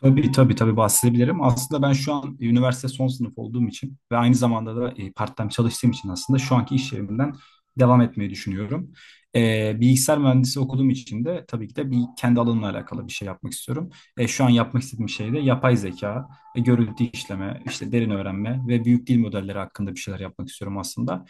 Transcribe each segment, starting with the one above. Tabii tabii tabii bahsedebilirim. Aslında ben şu an üniversite son sınıf olduğum için ve aynı zamanda da part-time çalıştığım için aslında şu anki iş yerimden devam etmeyi düşünüyorum. Bilgisayar mühendisi okuduğum için de tabii ki de bir kendi alanımla alakalı bir şey yapmak istiyorum. Şu an yapmak istediğim şey de yapay zeka, görüntü işleme, işte derin öğrenme ve büyük dil modelleri hakkında bir şeyler yapmak istiyorum aslında.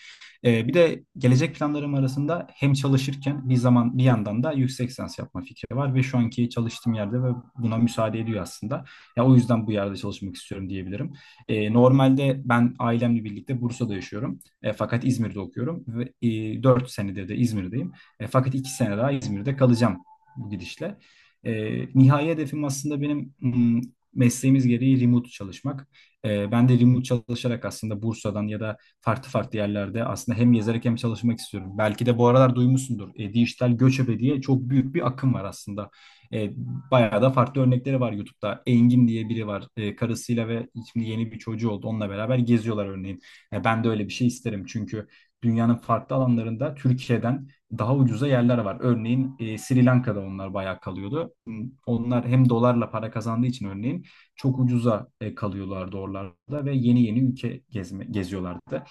Bir de gelecek planlarım arasında hem çalışırken bir zaman bir yandan da yüksek lisans yapma fikri var ve şu anki çalıştığım yerde ve buna müsaade ediyor aslında. Ya o yüzden bu yerde çalışmak istiyorum diyebilirim. Normalde ben ailemle birlikte Bursa'da yaşıyorum. Fakat İzmir'de okuyorum ve 4 senedir de İzmir'deyim. Fakat 2 sene daha İzmir'de kalacağım bu gidişle. E, Nihai hedefim aslında benim mesleğimiz gereği remote çalışmak. Ben de remote çalışarak aslında Bursa'dan ya da farklı farklı yerlerde aslında hem yazarak hem çalışmak istiyorum. Belki de bu aralar duymuşsundur. Dijital göçebe diye çok büyük bir akım var aslında. E, Bayağı da farklı örnekleri var YouTube'da. Engin diye biri var. Karısıyla ve şimdi yeni bir çocuğu oldu. Onunla beraber geziyorlar örneğin. Ben de öyle bir şey isterim çünkü dünyanın farklı alanlarında Türkiye'den daha ucuza yerler var. Örneğin Sri Lanka'da onlar bayağı kalıyordu. Onlar hem dolarla para kazandığı için örneğin çok ucuza kalıyorlardı oralarda ve yeni yeni ülke geziyorlardı.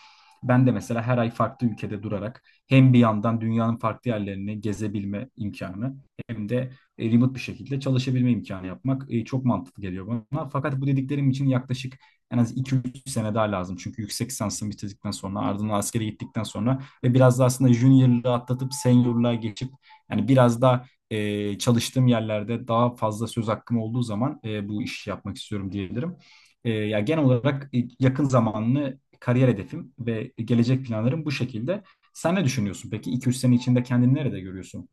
Ben de mesela her ay farklı ülkede durarak hem bir yandan dünyanın farklı yerlerini gezebilme imkanı hem de remote bir şekilde çalışabilme imkanı yapmak çok mantıklı geliyor bana. Fakat bu dediklerim için yaklaşık en az 2-3 sene daha lazım. Çünkü yüksek lisansımı bitirdikten sonra ardından askere gittikten sonra ve biraz da aslında junior'lığı atlatıp senior'lığa geçip yani biraz da çalıştığım yerlerde daha fazla söz hakkım olduğu zaman bu işi yapmak istiyorum diyebilirim. Ya genel olarak yakın zamanlı kariyer hedefim ve gelecek planlarım bu şekilde. Sen ne düşünüyorsun peki? iki üç sene içinde kendini nerede görüyorsun?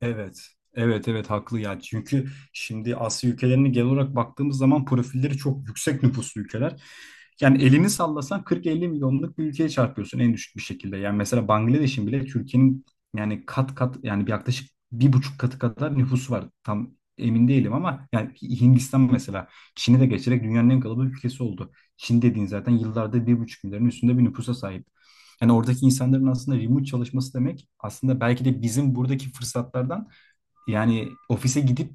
Evet. Evet evet haklı ya. Çünkü şimdi Asya ülkelerine genel olarak baktığımız zaman profilleri çok yüksek nüfuslu ülkeler. Yani elini sallasan 40-50 milyonluk bir ülkeye çarpıyorsun en düşük bir şekilde. Yani mesela Bangladeş'in bile Türkiye'nin yani kat kat yani bir yaklaşık 1,5 katı kadar nüfusu var. Tam emin değilim ama yani Hindistan mesela Çin'i de geçerek dünyanın en kalabalık ülkesi oldu. Çin dediğin zaten yıllarda 1,5 milyarın üstünde bir nüfusa sahip. Yani oradaki insanların aslında remote çalışması demek aslında belki de bizim buradaki fırsatlardan yani ofise gidip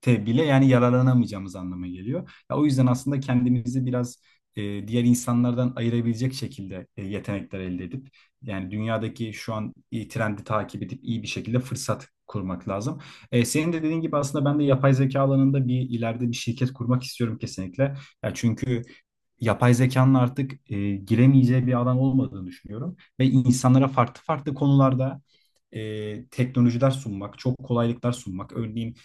bile yani yararlanamayacağımız anlamına geliyor. Ya o yüzden aslında kendimizi biraz diğer insanlardan ayırabilecek şekilde yetenekler elde edip yani dünyadaki şu an trendi takip edip iyi bir şekilde fırsat kurmak lazım. Senin de dediğin gibi aslında ben de yapay zeka alanında bir ileride bir şirket kurmak istiyorum kesinlikle. Ya çünkü yapay zekanın artık giremeyeceği bir alan olmadığını düşünüyorum ve insanlara farklı farklı konularda teknolojiler sunmak, çok kolaylıklar sunmak. Örneğin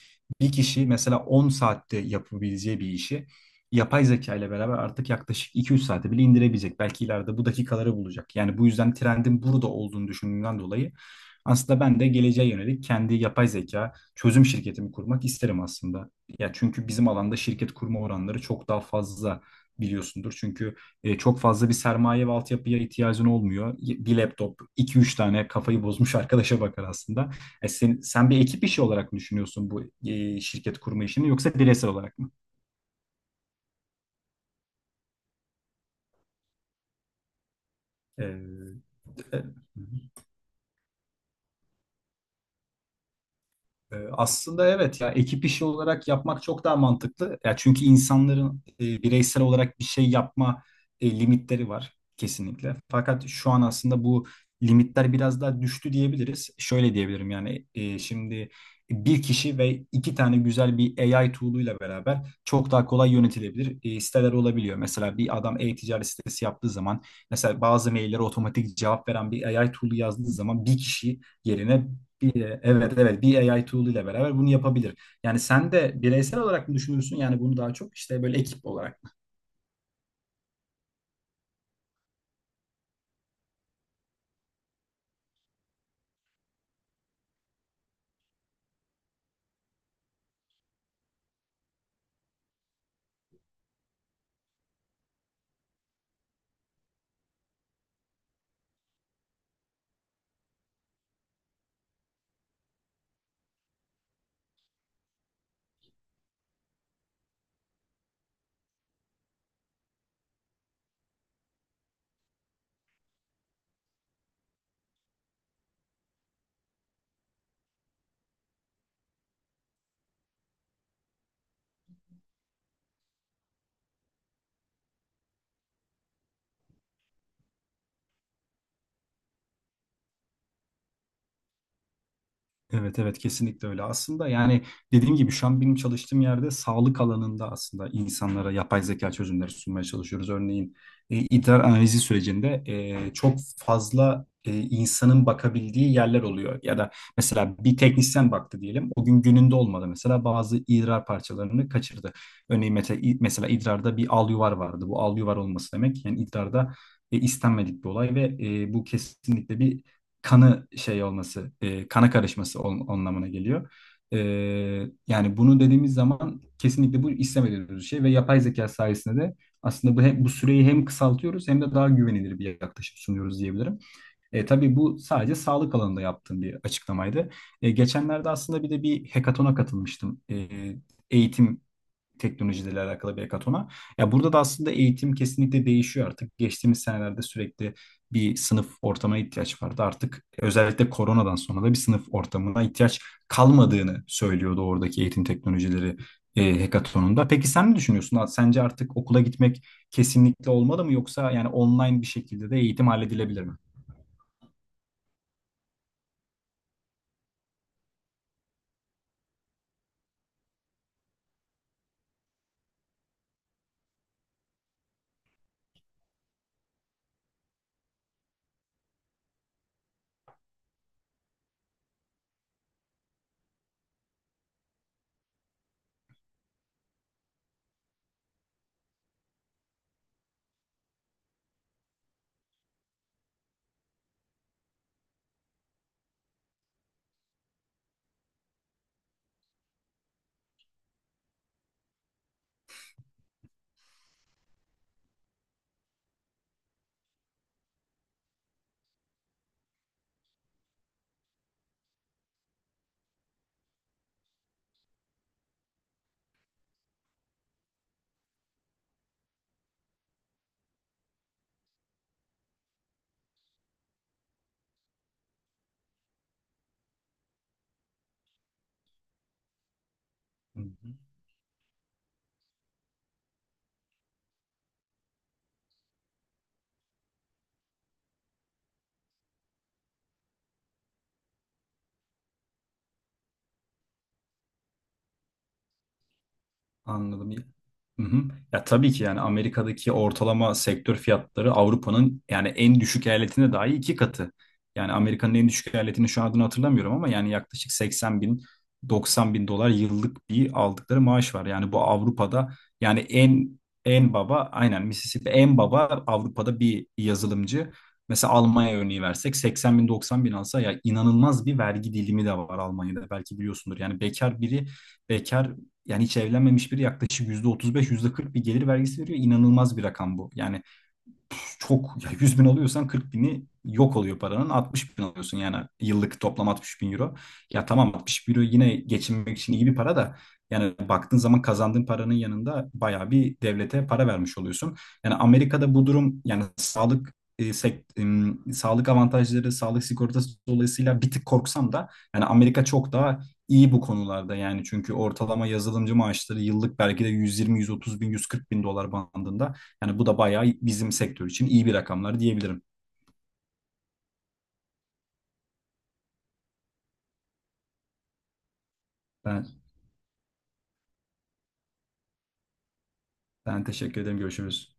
bir kişi mesela 10 saatte yapabileceği bir işi yapay zeka ile beraber artık yaklaşık 2-3 saate bile indirebilecek. Belki ileride bu dakikaları bulacak. Yani bu yüzden trendin burada olduğunu düşündüğümden dolayı aslında ben de geleceğe yönelik kendi yapay zeka çözüm şirketimi kurmak isterim aslında. Ya çünkü bizim alanda şirket kurma oranları çok daha fazla biliyorsundur. Çünkü çok fazla bir sermaye ve altyapıya ihtiyacın olmuyor. Bir laptop, 2-3 tane kafayı bozmuş arkadaşa bakar aslında. Sen bir ekip işi olarak mı düşünüyorsun bu şirket kurma işini yoksa bireysel olarak mı? E, e, Aslında evet ya ekip işi olarak yapmak çok daha mantıklı. Ya çünkü insanların bireysel olarak bir şey yapma limitleri var kesinlikle. Fakat şu an aslında bu limitler biraz daha düştü diyebiliriz. Şöyle diyebilirim yani şimdi bir kişi ve 2 tane güzel bir AI tool'uyla beraber çok daha kolay yönetilebilir siteler olabiliyor. Mesela bir adam e-ticaret sitesi yaptığı zaman mesela bazı maillere otomatik cevap veren bir AI tool'u yazdığı zaman bir kişi yerine bir, evet evet bir A I tool ile beraber bunu yapabilir. Yani sen de bireysel olarak mı düşünürsün? Yani bunu daha çok işte böyle ekip olarak. Evet evet kesinlikle öyle. Aslında yani dediğim gibi şu an benim çalıştığım yerde sağlık alanında aslında insanlara yapay zeka çözümleri sunmaya çalışıyoruz. Örneğin idrar analizi sürecinde çok fazla insanın bakabildiği yerler oluyor. Ya da mesela bir teknisyen baktı diyelim. O gün gününde olmadı mesela bazı idrar parçalarını kaçırdı. Örneğin mesela idrarda bir al yuvar vardı. Bu al yuvar olması demek yani idrarda istenmedik bir olay ve bu kesinlikle bir kanı şey olması, kana karışması anlamına geliyor. E, Yani bunu dediğimiz zaman kesinlikle bu istemediğimiz bir şey ve yapay zeka sayesinde de aslında bu süreyi hem kısaltıyoruz hem de daha güvenilir bir yaklaşım sunuyoruz diyebilirim. Tabii bu sadece sağlık alanında yaptığım bir açıklamaydı. Geçenlerde aslında bir de bir hekatona katılmıştım. Eğitim teknolojiyle alakalı bir hekatona. Ya burada da aslında eğitim kesinlikle değişiyor artık. Geçtiğimiz senelerde sürekli bir sınıf ortamına ihtiyaç vardı. Artık özellikle koronadan sonra da bir sınıf ortamına ihtiyaç kalmadığını söylüyordu oradaki eğitim teknolojileri hekatonunda. Peki sen ne düşünüyorsun? Sence artık okula gitmek kesinlikle olmalı mı yoksa yani online bir şekilde de eğitim halledilebilir mi? Anladım. Hı hı. Ya tabii ki yani Amerika'daki ortalama sektör fiyatları Avrupa'nın yani en düşük eyaletinde dahi 2 katı. Yani Amerika'nın en düşük eyaletini şu an adını hatırlamıyorum ama yani yaklaşık 80 bin 90 bin dolar yıllık bir aldıkları maaş var. Yani bu Avrupa'da yani en baba aynen Mississippi en baba Avrupa'da bir yazılımcı. Mesela Almanya örneği versek 80 bin 90 bin alsa ya inanılmaz bir vergi dilimi de var Almanya'da belki biliyorsundur. Yani bekar biri bekar yani hiç evlenmemiş biri yaklaşık %35, %40 bir gelir vergisi veriyor. İnanılmaz bir rakam bu. Yani çok ya 100 bin alıyorsan 40 bini yok oluyor paranın 60 bin alıyorsun yani yıllık toplam 60 bin euro. Ya tamam 60 bin euro yine geçinmek için iyi bir para da yani baktığın zaman kazandığın paranın yanında bayağı bir devlete para vermiş oluyorsun. Yani Amerika'da bu durum yani sağlık sağlık avantajları, sağlık sigortası dolayısıyla bir tık korksam da yani Amerika çok daha iyi bu konularda yani çünkü ortalama yazılımcı maaşları yıllık belki de 120 130 bin 140 bin dolar bandında. Yani bu da bayağı bizim sektör için iyi bir rakamlar diyebilirim. Ben, ben teşekkür ederim. Görüşürüz.